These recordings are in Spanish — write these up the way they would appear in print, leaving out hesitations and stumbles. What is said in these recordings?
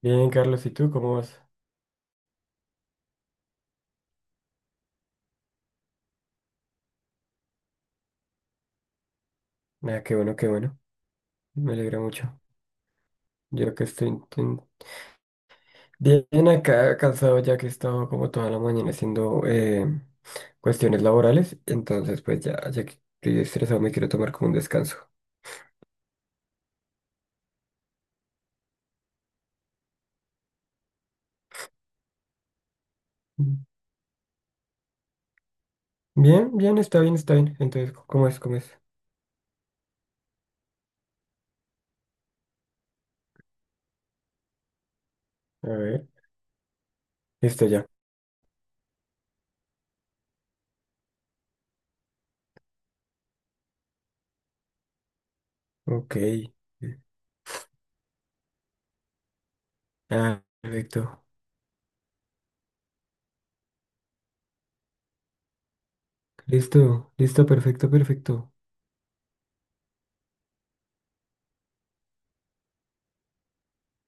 Bien, Carlos, ¿y tú cómo vas? Nada, qué bueno, qué bueno. Me alegra mucho. Yo que estoy inten- Bien acá, cansado ya que he estado como toda la mañana haciendo cuestiones laborales. Entonces, pues ya, ya que estoy estresado, me quiero tomar como un descanso. Mm. Bien, bien, está bien, está bien. Entonces, ¿cómo es? ¿Cómo es? A ver, listo ya. Ok. Ah, perfecto. Listo, listo, perfecto, perfecto.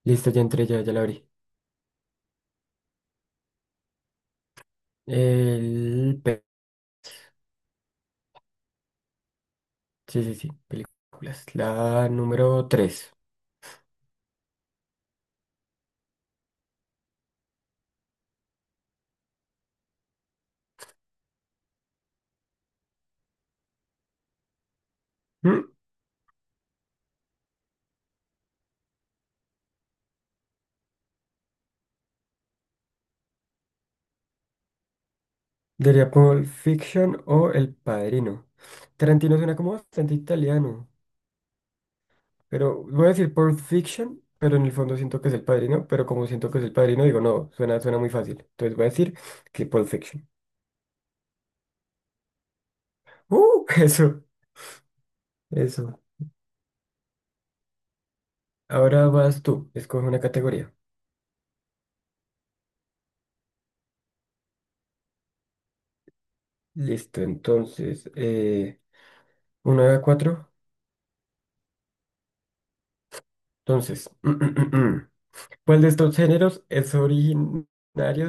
Listo, ya entré, ya, ya la abrí. El. Sí, sí, sí, películas. La número 3. Diría Pulp Fiction o El Padrino. Tarantino suena como bastante italiano, pero voy a decir Pulp Fiction, pero en el fondo siento que es El Padrino, pero como siento que es El Padrino, digo, no, suena muy fácil. Entonces voy a decir que Pulp Fiction. ¡Uh! Eso, eso. Ahora vas tú, escoge una categoría. Listo, entonces, 1 a 4. Entonces, ¿cuál de estos géneros es originario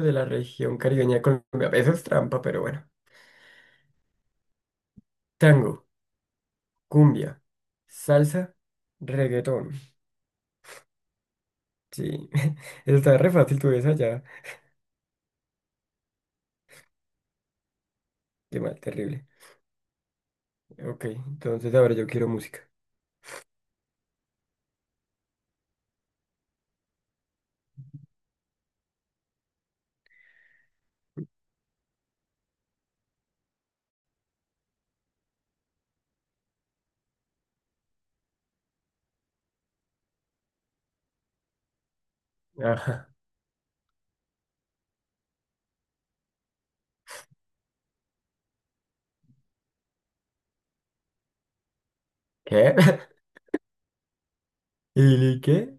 de la región caribeña de Colombia? Eso es trampa, pero bueno. Tango, cumbia, salsa, reggaetón. Sí, eso está re fácil, tú ves allá. Qué mal, terrible. Ok, entonces ahora yo quiero música. Ajá. ¿Qué? ¿Y qué?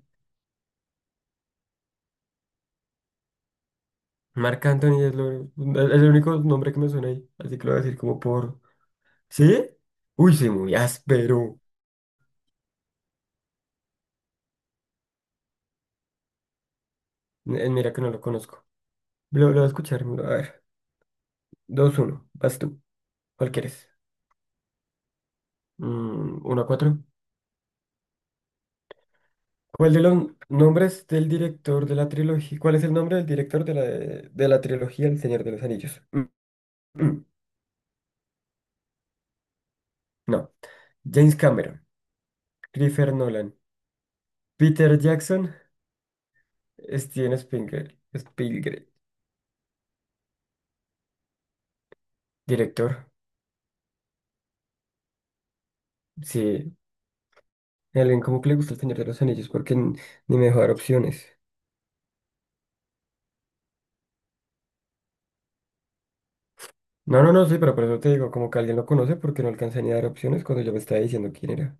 Marc Anthony es el único nombre que me suena ahí, así que lo voy a decir como por... ¿Sí? Uy, sí, muy áspero. Mira que no lo conozco. Lo voy a escuchar, a ver. Dos uno, vas tú. ¿Cuál quieres? Mm, uno a cuatro. ¿Cuál de los nombres del director de la trilogía? ¿Cuál es el nombre del director de la trilogía El Señor de los Anillos? Mm, mm, no. James Cameron, Christopher Nolan, Peter Jackson, Steven Spielberg. Spielberg. Director. Sí. A alguien como que le gusta El Señor de los Anillos porque ni me dejó dar opciones. No, no, no, sí, pero por eso te digo, como que alguien lo conoce porque no alcanza ni a dar opciones cuando yo me estaba diciendo quién era.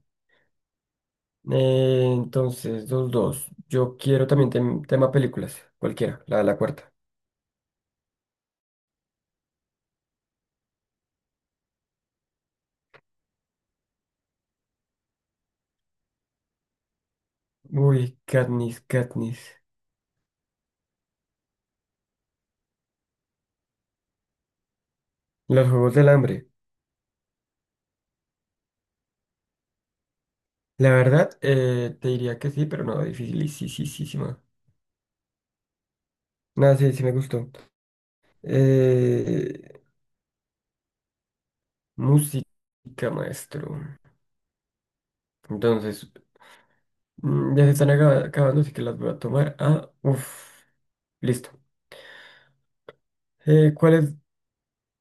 Entonces, dos, dos. Yo quiero también tema películas, cualquiera, la cuarta. Uy, Katniss, Katniss. Los Juegos del Hambre. La verdad, te diría que sí, pero no, dificilísima. Nada, sí, sí me gustó. Eh, música, maestro. Entonces, mm, ya se están acabando, así que las voy a tomar. Ah, uff, listo. ¿Cuál es?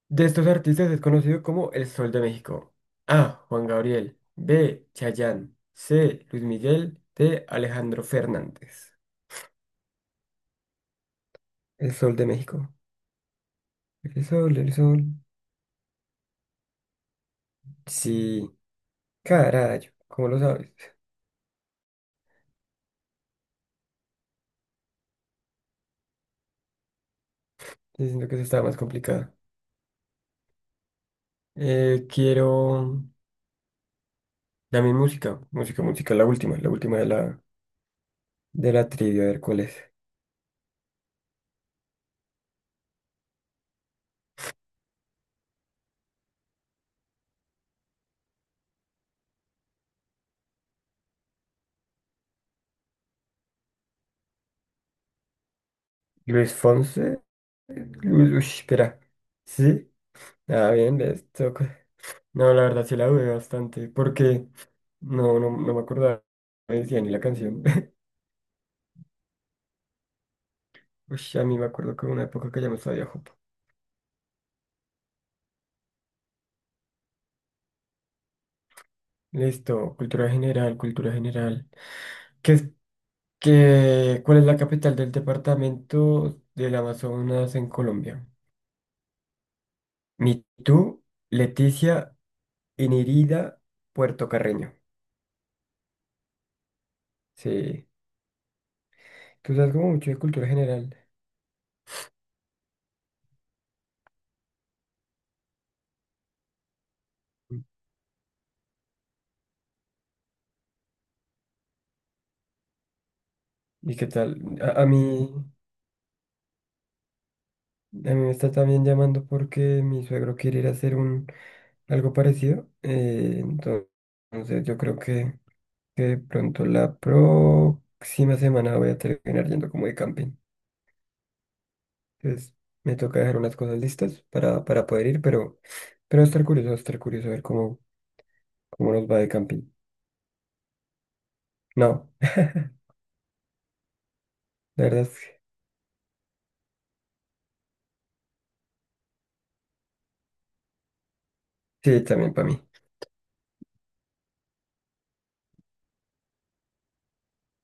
De estos artistas es conocido como el Sol de México. A. Juan Gabriel. B. Chayanne. C. Luis Miguel. D. Alejandro Fernández. El Sol de México. El sol, el sol. Sí. Carayo. ¿Cómo lo sabes? Estoy diciendo que eso estaba más complicado. Quiero... Dame música. Música, música. La última. La última de la trivia. A ver cuál es. Luis Fonse. Luis... uy, espera. Sí. Ah, bien. Les toca. No, la verdad sí la dudé bastante, porque no me acordaba, no me decía ni la canción. Uy, a mí me acuerdo que hubo una época que ya me sabía Jopo. Listo, cultura general, cultura general. ¿Qué es, cuál es la capital del departamento del Amazonas en Colombia? Mitú, Leticia, Inirida, Puerto Carreño. Sí, tú sabes como mucho de cultura general. ¿Y qué tal? A mí me está también llamando porque mi suegro quiere ir a hacer un algo parecido. Eh, entonces, yo creo que de pronto la próxima semana voy a terminar yendo como de camping. Entonces, me toca dejar unas cosas listas para poder ir, pero va a estar curioso, va a estar curioso a ver cómo, cómo nos va de camping. No, la verdad es que sí, también para mí.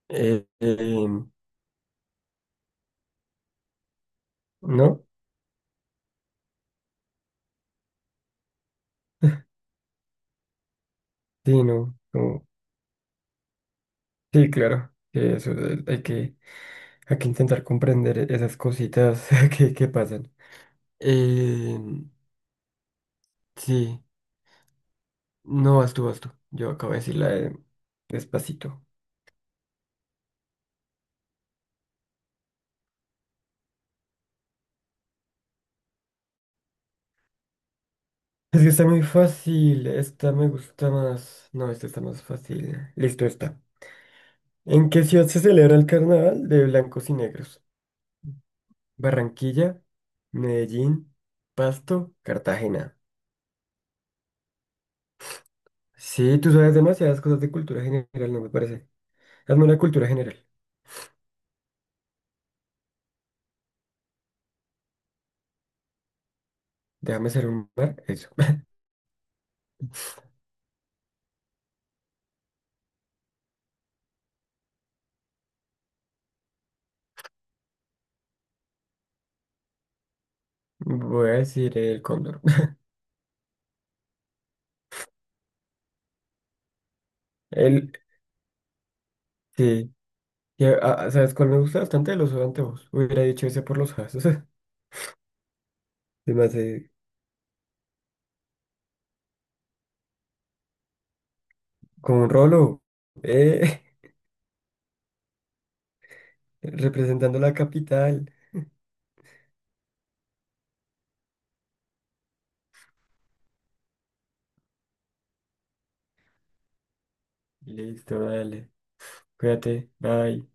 Eh, eh, ¿No? Sí, no, sí, claro, que eso, hay que intentar comprender esas cositas que pasan. Eh, sí. No, vas tú, vas tú. Yo acabo de decir la de despacito. Es que está muy fácil. Esta me gusta más. No, esta está más fácil. Listo, está. ¿En qué ciudad se celebra el carnaval de blancos y negros? Barranquilla, Medellín, Pasto, Cartagena. Sí, tú sabes demasiadas cosas de cultura general, no me parece. Hazme una cultura general. Déjame ser un mar. Eso. Voy a decir el cóndor. El. Sí. Y, ah, ¿sabes cuál me gusta bastante? Los anteojos. Hubiera dicho ese por los jazos. Se me hace con un rolo. Eh, representando la capital. Listo, dale. Cuídate. Bye.